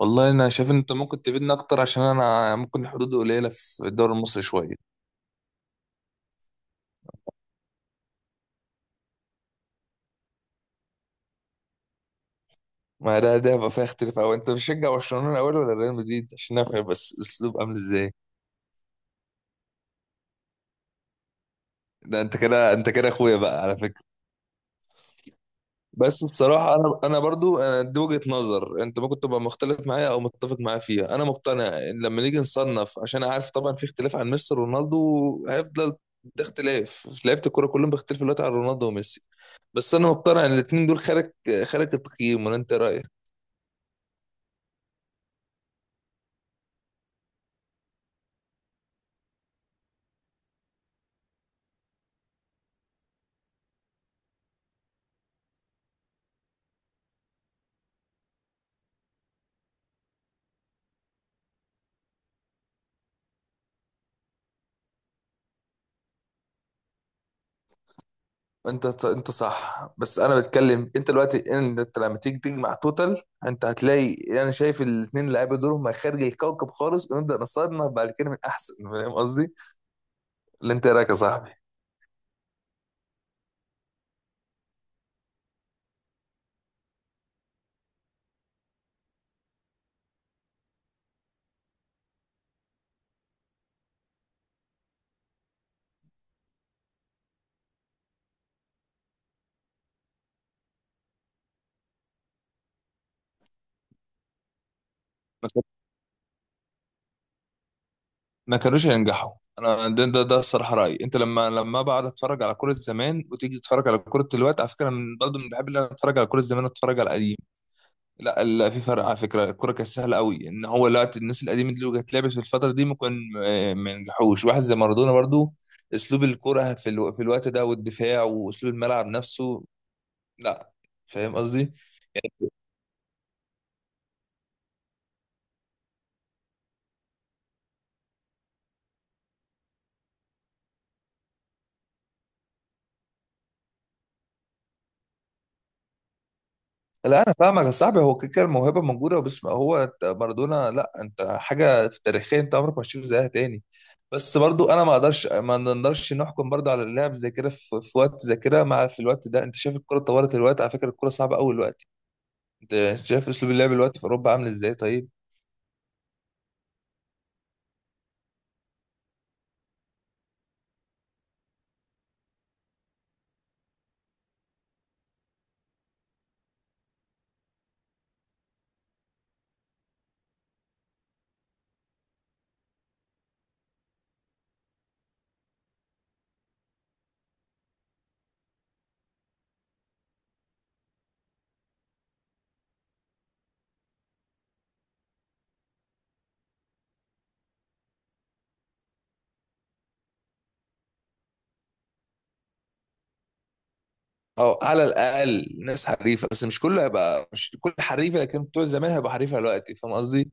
والله انا شايف ان انت ممكن تفيدنا اكتر عشان انا ممكن الحدود قليله في الدوري المصري شويه. ما ده هيبقى فيها اختلاف قوي، انت بتشجع برشلونه الاول ولا ريال مدريد عشان نفهم بس الاسلوب عامل ازاي؟ ده انت كده اخويا بقى على فكره. بس الصراحه انا برضو انا دي وجهه نظر، انت ممكن تبقى مختلف معايا او متفق معايا فيها. انا مقتنع ان لما نيجي نصنف، عشان عارف طبعا في اختلاف عن ميسي ورونالدو، هيفضل ده اختلاف في لعيبه الكوره، كلهم بيختلفوا دلوقتي عن رونالدو وميسي، بس انا مقتنع ان الاثنين دول خارج التقييم. ولا انت إيه رايك؟ انت صح، بس انا بتكلم انت دلوقتي ان انت لما تيجي تجمع توتال، انت هتلاقي، انا شايف الاثنين لعيبه دول هم خارج الكوكب خالص، ونبدا نصنف بعد كده من احسن فاهم قصدي؟ اللي انت إيه رايك يا صاحبي. ما كان- ما كانوش هينجحوا. انا ده الصراحه رايي، انت لما بقعد اتفرج على كوره زمان وتيجي تتفرج على كوره دلوقتي، على فكره انا من برضه من بحب ان انا اتفرج على كوره زمان، اتفرج على القديم. لا لا، في فرق على فكره، الكره كانت سهله قوي، ان هو لا، الناس القديمه دي لو كانت لعبت في الفتره دي ممكن ما ينجحوش، واحد زي مارادونا برضو، اسلوب الكره في الوقت ده والدفاع واسلوب الملعب نفسه. لا. فاهم قصدي. لا انا فاهمك يا صاحبي، هو كده كده الموهبه موجوده، بس ما هو أنت مارادونا، لا انت حاجه في تاريخيا انت عمرك ما هتشوف زيها تاني. بس برضو انا ما اقدرش، ما نقدرش نحكم برضو على اللاعب زي كده في وقت زي كده، مع في الوقت ده انت شايف الكره اتطورت الوقت، على فكره الكره صعبه قوي الوقت. انت شايف اسلوب اللعب دلوقتي في اوروبا عامل ازاي طيب؟ او على الاقل ناس حريفه، بس مش كله هيبقى، مش كل حريفه، لكن بتوع زمان هيبقى حريفه دلوقتي، فاهم قصدي.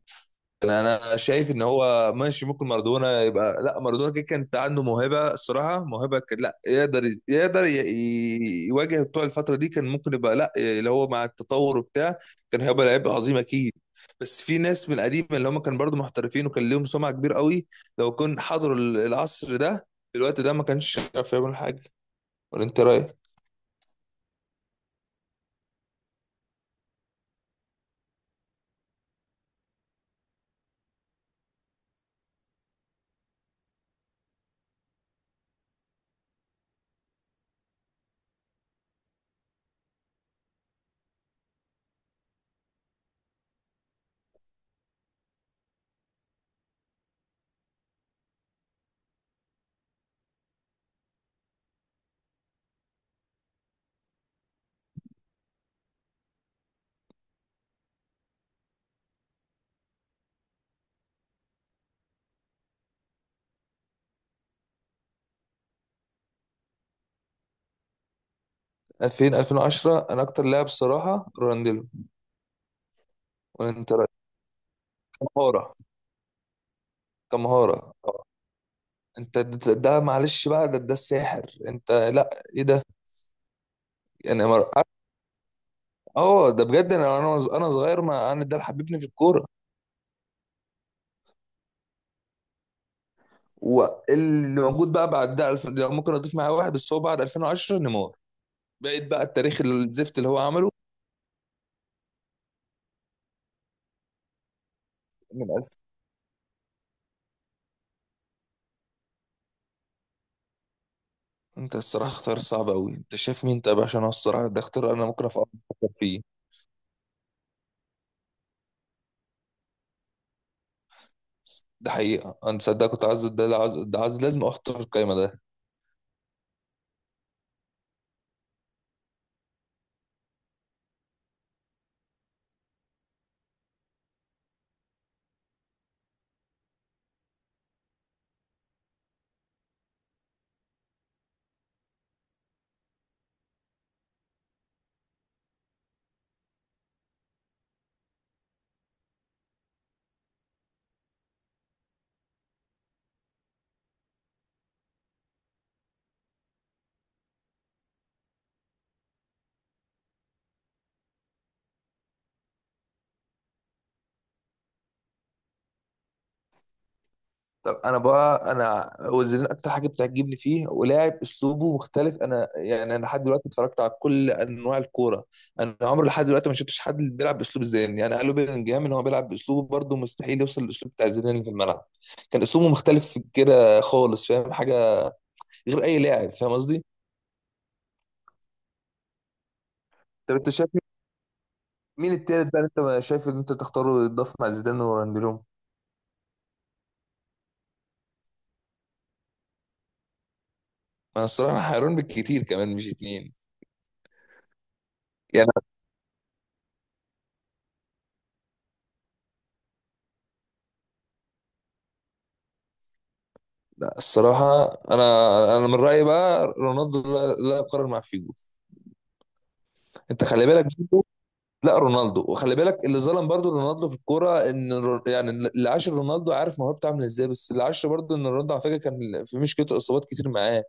انا شايف ان هو ماشي، ممكن مارادونا يبقى، لا مارادونا كده كانت عنده موهبه الصراحه، موهبه، كان لا يقدر، يواجه بتوع الفتره دي، كان ممكن يبقى، لا اللي هو مع التطور وبتاع، كان هيبقى لعيب عظيم اكيد. بس في ناس من القديمه اللي هم كانوا برضو محترفين وكان لهم سمعه كبيره قوي، لو كان حضروا العصر ده، في الوقت ده ما كانش عارف يعمل حاجه، ولا انت رايك؟ 2000 2010، انا اكتر لاعب الصراحه رونالدينيو، ولا انت رايك؟ كمهاره. كمهاره. انت ده, ده معلش بقى، ده, ده الساحر انت، لا. ايه ده. يعني مر... اه ده بجد، انا انا صغير، ما انا ده اللي حببني في الكوره. واللي موجود بقى بعد ده، لو ممكن اضيف معاه واحد بس، هو بعد 2010 نيمار، بقيت بقى التاريخ الزفت اللي هو عمله. من ألف. انت الصراحه اختار صعب قوي، انت شايف مين طيب؟ عشان هو الصراحه ده اختيار، انا ممكن أفكر فيه. ده حقيقه، انا صدق كنت عايز ده، عايز ده، عايز، لازم اختار القايمه ده. طب انا بقى، انا وزيرين اكتر حاجه بتعجبني فيه ولاعب اسلوبه مختلف، انا يعني انا لحد دلوقتي اتفرجت على كل انواع الكوره، انا عمري لحد دلوقتي ما شفتش حد بيلعب باسلوب زيدان، يعني قالوا بيلينجهام ان هو بيلعب باسلوبه، برضه مستحيل يوصل للاسلوب بتاع زيدان في الملعب، كان اسلوبه مختلف كده خالص، فاهم حاجه غير اي لاعب، فاهم قصدي. طب انت شايف مين التالت بقى اللي انت ما شايف ان انت تختاره يتضاف مع زيدان وراندولوم؟ انا الصراحه حيران بالكتير كمان مش اتنين، يعني. لا الصراحة، أنا من رأيي بقى رونالدو لا, لا يقارن مع فيجو. أنت خلي بالك برضو، لا رونالدو، وخلي بالك اللي ظلم برضو رونالدو في الكورة، يعني اللي عاش رونالدو عارف موهبته عاملة إزاي، بس اللي عاش برضو إن رونالدو على فكرة كان في مشكلته إصابات كتير معاه،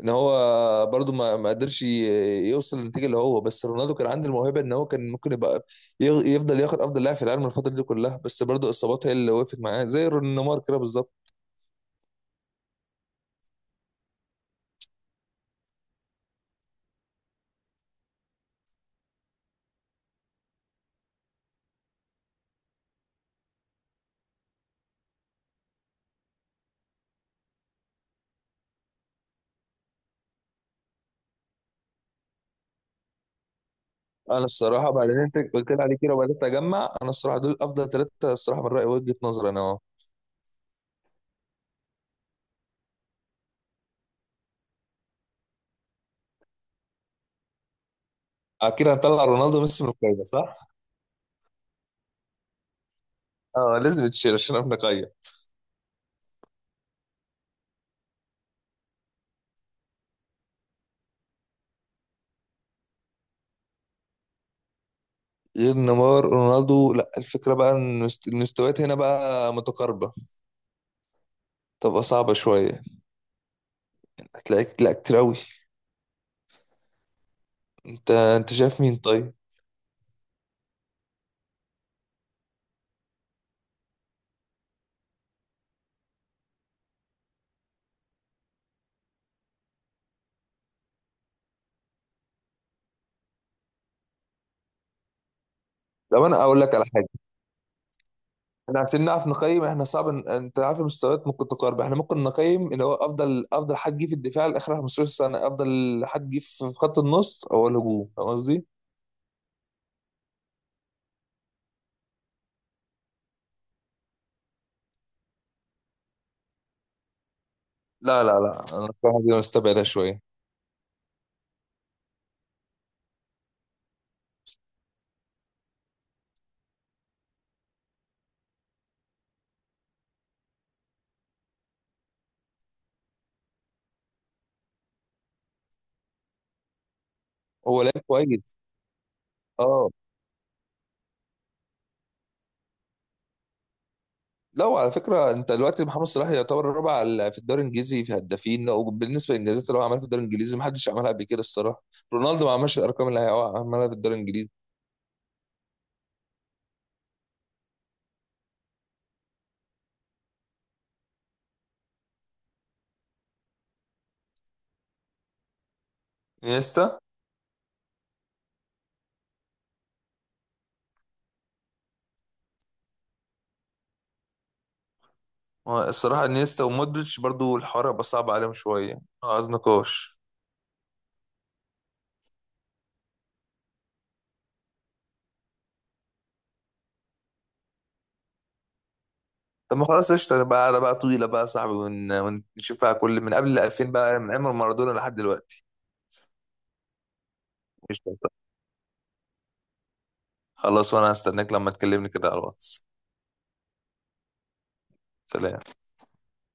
إن هو برضو ما قدرش يوصل للنتيجة اللي هو، بس رونالدو كان عنده الموهبة إن هو كان ممكن يبقى يفضل ياخد أفضل لاعب في العالم الفترة دي كلها، بس برضو الإصابات هي اللي وقفت معاه زي نيمار كده بالظبط. انا الصراحه بعد اللي انت قلت لي عليه كده وبدات اجمع، انا الصراحه دول افضل ثلاثه الصراحه من رايي، وجهه نظري انا اهو. اكيد هنطلع رونالدو وميسي من القايمه صح؟ اه، لازم تشيل عشان احنا قايمه. غير نيمار رونالدو، لا، الفكره بقى ان المستويات هنا بقى متقاربه، تبقى صعبه شويه، هتلاقيك لا كتير قوي، انت شايف مين طيب؟ لو انا اقول لك على حاجه. احنا عشان نعرف نقيم، احنا صعب، انت عارف المستويات ممكن تقاربه، احنا ممكن نقيم اللي هو افضل حد جه في الدفاع لاخر 15 سنه، افضل حد جه في خط النص او الهجوم، فاهم قصدي؟ لا لا لا، انا الصراحه دي مستبعدها شويه. هو لعيب كويس. اه. لا وعلى فكره، انت دلوقتي محمد صلاح يعتبر الرابع، في الدوري الانجليزي في هدافين، وبالنسبه للانجازات اللي هو عملها في الدوري الانجليزي ما حدش عملها قبل كده الصراحه، رونالدو ما عملش الارقام اللي هو عملها في الدوري الانجليزي. انيستا. هو الصراحه انيستا ومودريتش برضو الحوار هيبقى صعب عليهم شويه، عايز نقاش. طب ما خلاص قشطه بقى، على بقى طويله بقى يا صاحبي، ونشوفها كل من قبل 2000 بقى، من ايام مارادونا لحد دلوقتي. قشطه. خلاص، وانا هستناك لما تكلمني كده على الواتس. سلام.